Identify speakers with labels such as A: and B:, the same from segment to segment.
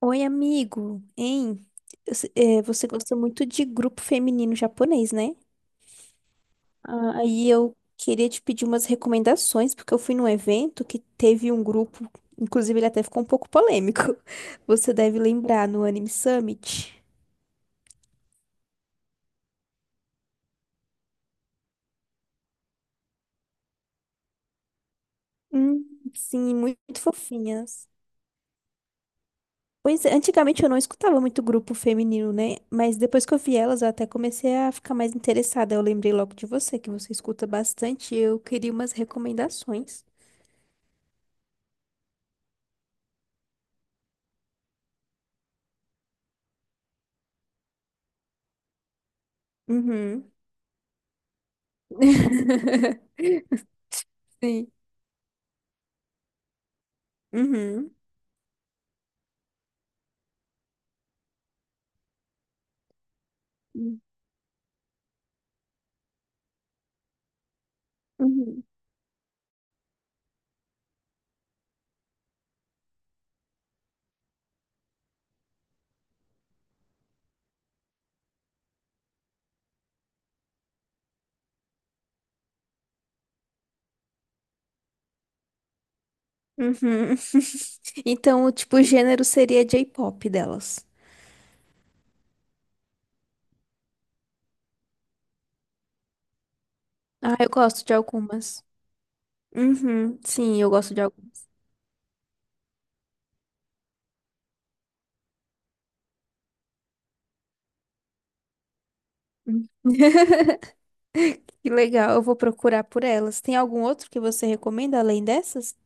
A: Oi, amigo, hein? Eu se- eh, Você gosta muito de grupo feminino japonês, né? Aí eu queria te pedir umas recomendações, porque eu fui num evento que teve um grupo, inclusive ele até ficou um pouco polêmico. Você deve lembrar no Anime Summit. Hum, sim, muito fofinhas. Pois é, antigamente eu não escutava muito grupo feminino, né? Mas depois que eu vi elas, eu até comecei a ficar mais interessada. Eu lembrei logo de você, que você escuta bastante, e eu queria umas recomendações. Uhum. Sim. Uhum. Uhum. Uhum. Então, o tipo, o gênero seria J-pop delas. Ah, eu gosto de algumas. Uhum. Sim, eu gosto de algumas. Hum. Que legal, eu vou procurar por elas. Tem algum outro que você recomenda além dessas?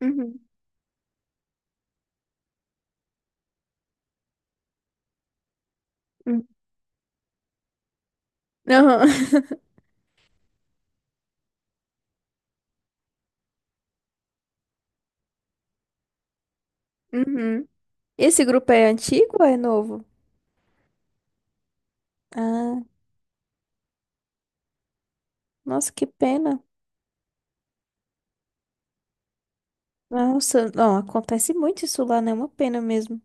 A: Uhum. Uhum. Aham. Uhum. Esse grupo é antigo ou é novo? Ah, nossa, que pena. Nossa, não, acontece muito isso lá, né? É uma pena mesmo.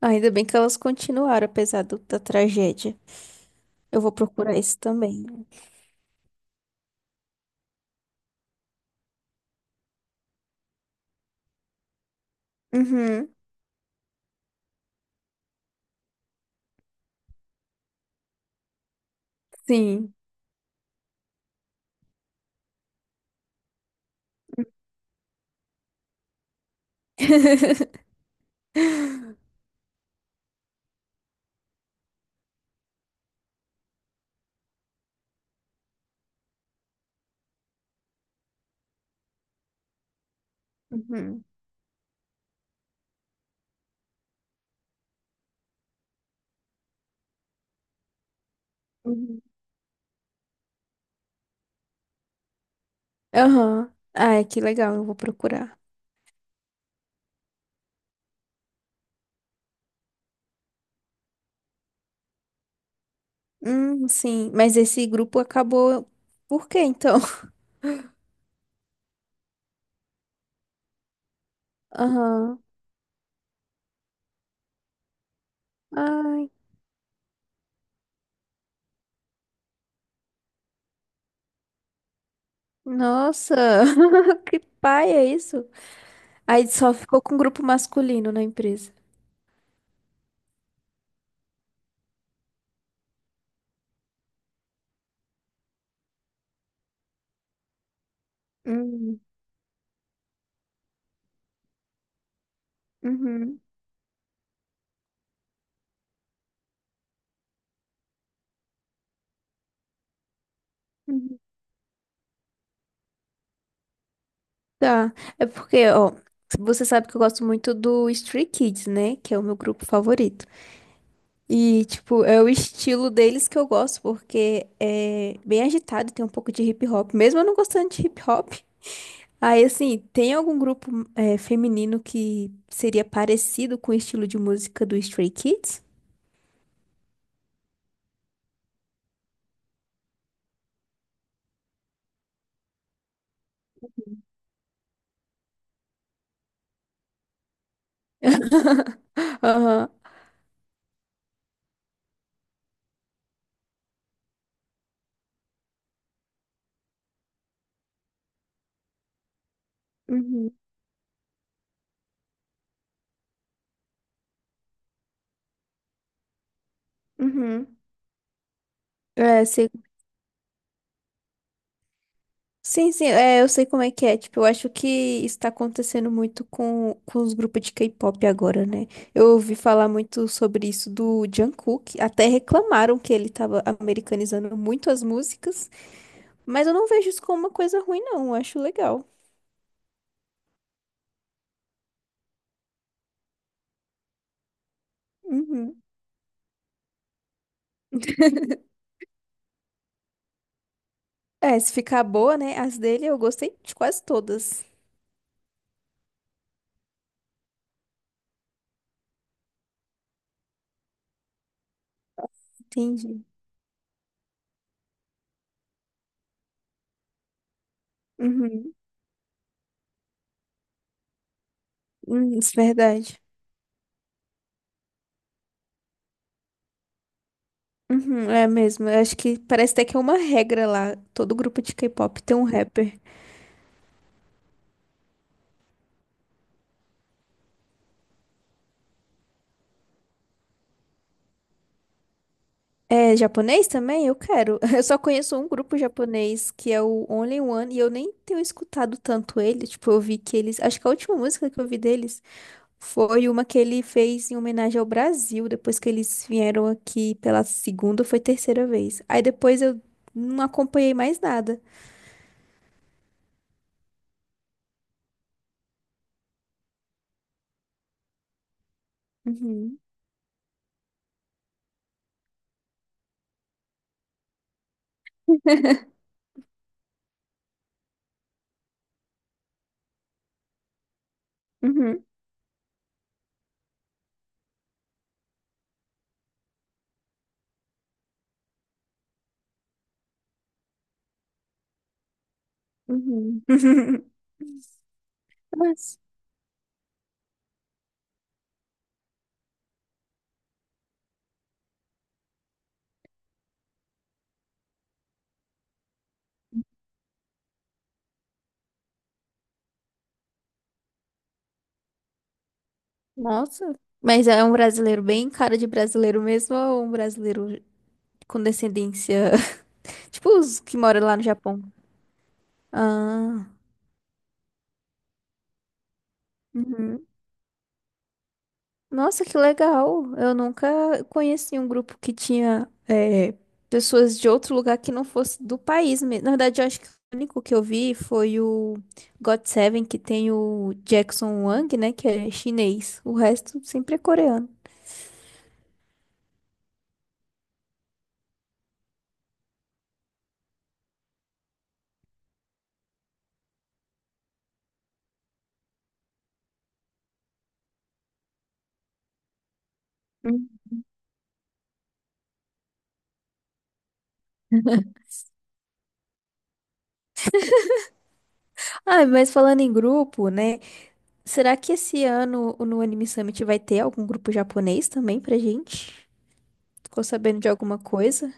A: Ainda bem que elas continuaram, apesar da tragédia. Eu vou procurar isso também. Uhum, sim. Uhum. Uhum. Aham. Ai, que legal, eu vou procurar. Sim. Mas esse grupo acabou. Por quê, então? Aham. Ai, nossa. Que pai é isso? Aí só ficou com o grupo masculino na empresa. Hum. Uhum. Uhum. Tá. É porque, ó, você sabe que eu gosto muito do Stray Kids, né? Que é o meu grupo favorito. E, tipo, é o estilo deles que eu gosto, porque é bem agitado, tem um pouco de hip hop. Mesmo eu não gostando de hip hop. Aí, assim, tem algum grupo é, feminino que seria parecido com o estilo de música do Stray Kids? Aham. Uhum. Uhum. É, sim, sim, é, eu sei como é que é. Tipo, eu acho que isso tá acontecendo muito com os grupos de K-pop agora, né? Eu ouvi falar muito sobre isso do Jungkook. Até reclamaram que ele tava americanizando muito as músicas. Mas eu não vejo isso como uma coisa ruim, não. Eu acho legal. Uhum. É, se ficar boa, né? As dele eu gostei de quase todas. Entendi. Uhum. Isso é verdade. Uhum, é mesmo. Eu acho que parece até que é uma regra lá. Todo grupo de K-pop tem um rapper. É japonês também? Eu quero. Eu só conheço um grupo japonês que é o Only One e eu nem tenho escutado tanto ele. Tipo, eu vi que eles. Acho que a última música que eu vi deles foi uma que ele fez em homenagem ao Brasil, depois que eles vieram aqui pela segunda ou foi terceira vez. Aí depois eu não acompanhei mais nada. Uhum, uhum, uhum. Mas, nossa. Mas é um brasileiro bem cara de brasileiro mesmo ou um brasileiro com descendência? Tipo os que moram lá no Japão. Ah, uhum. Nossa, que legal. Eu nunca conheci um grupo que tinha é, pessoas de outro lugar que não fosse do país mesmo. Na verdade, eu acho que o único que eu vi foi o God Seven, que tem o Jackson Wang, né, que é chinês. O resto sempre é coreano. Hum. Ah, mas falando em grupo, né? Será que esse ano no Anime Summit vai ter algum grupo japonês também pra gente? Ficou sabendo de alguma coisa?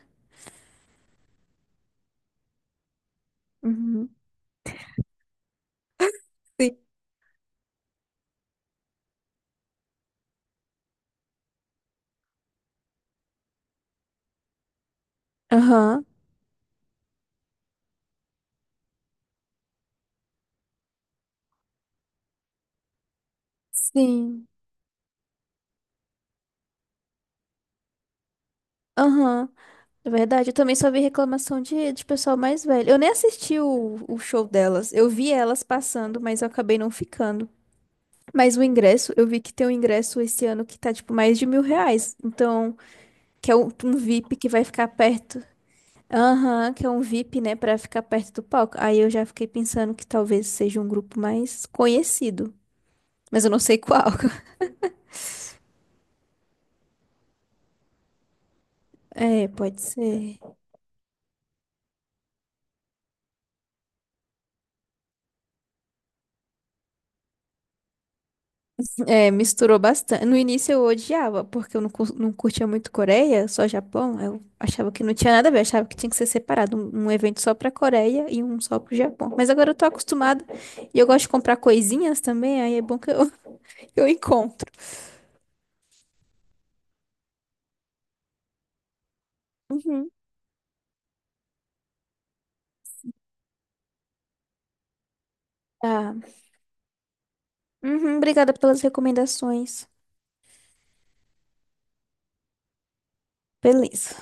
A: Uhum. Aham, sim. Aham, é verdade. Eu também só vi reclamação de pessoal mais velho. Eu nem assisti o show delas. Eu vi elas passando, mas eu acabei não ficando. Mas o ingresso, eu vi que tem um ingresso esse ano que tá, tipo, mais de mil reais. Então, que é um VIP que vai ficar perto. Aham, que é um VIP, né, pra ficar perto do palco. Aí eu já fiquei pensando que talvez seja um grupo mais conhecido. Mas eu não sei qual. É, pode ser. É, misturou bastante. No início eu odiava, porque eu não, não curtia muito Coreia, só Japão. Eu achava que não tinha nada a ver, achava que tinha que ser separado, um evento só pra Coreia e um só pro Japão. Mas agora eu tô acostumada e eu gosto de comprar coisinhas também, aí é bom que eu, eu encontro. Uhum. Tá. Uhum, obrigada pelas recomendações. Beleza.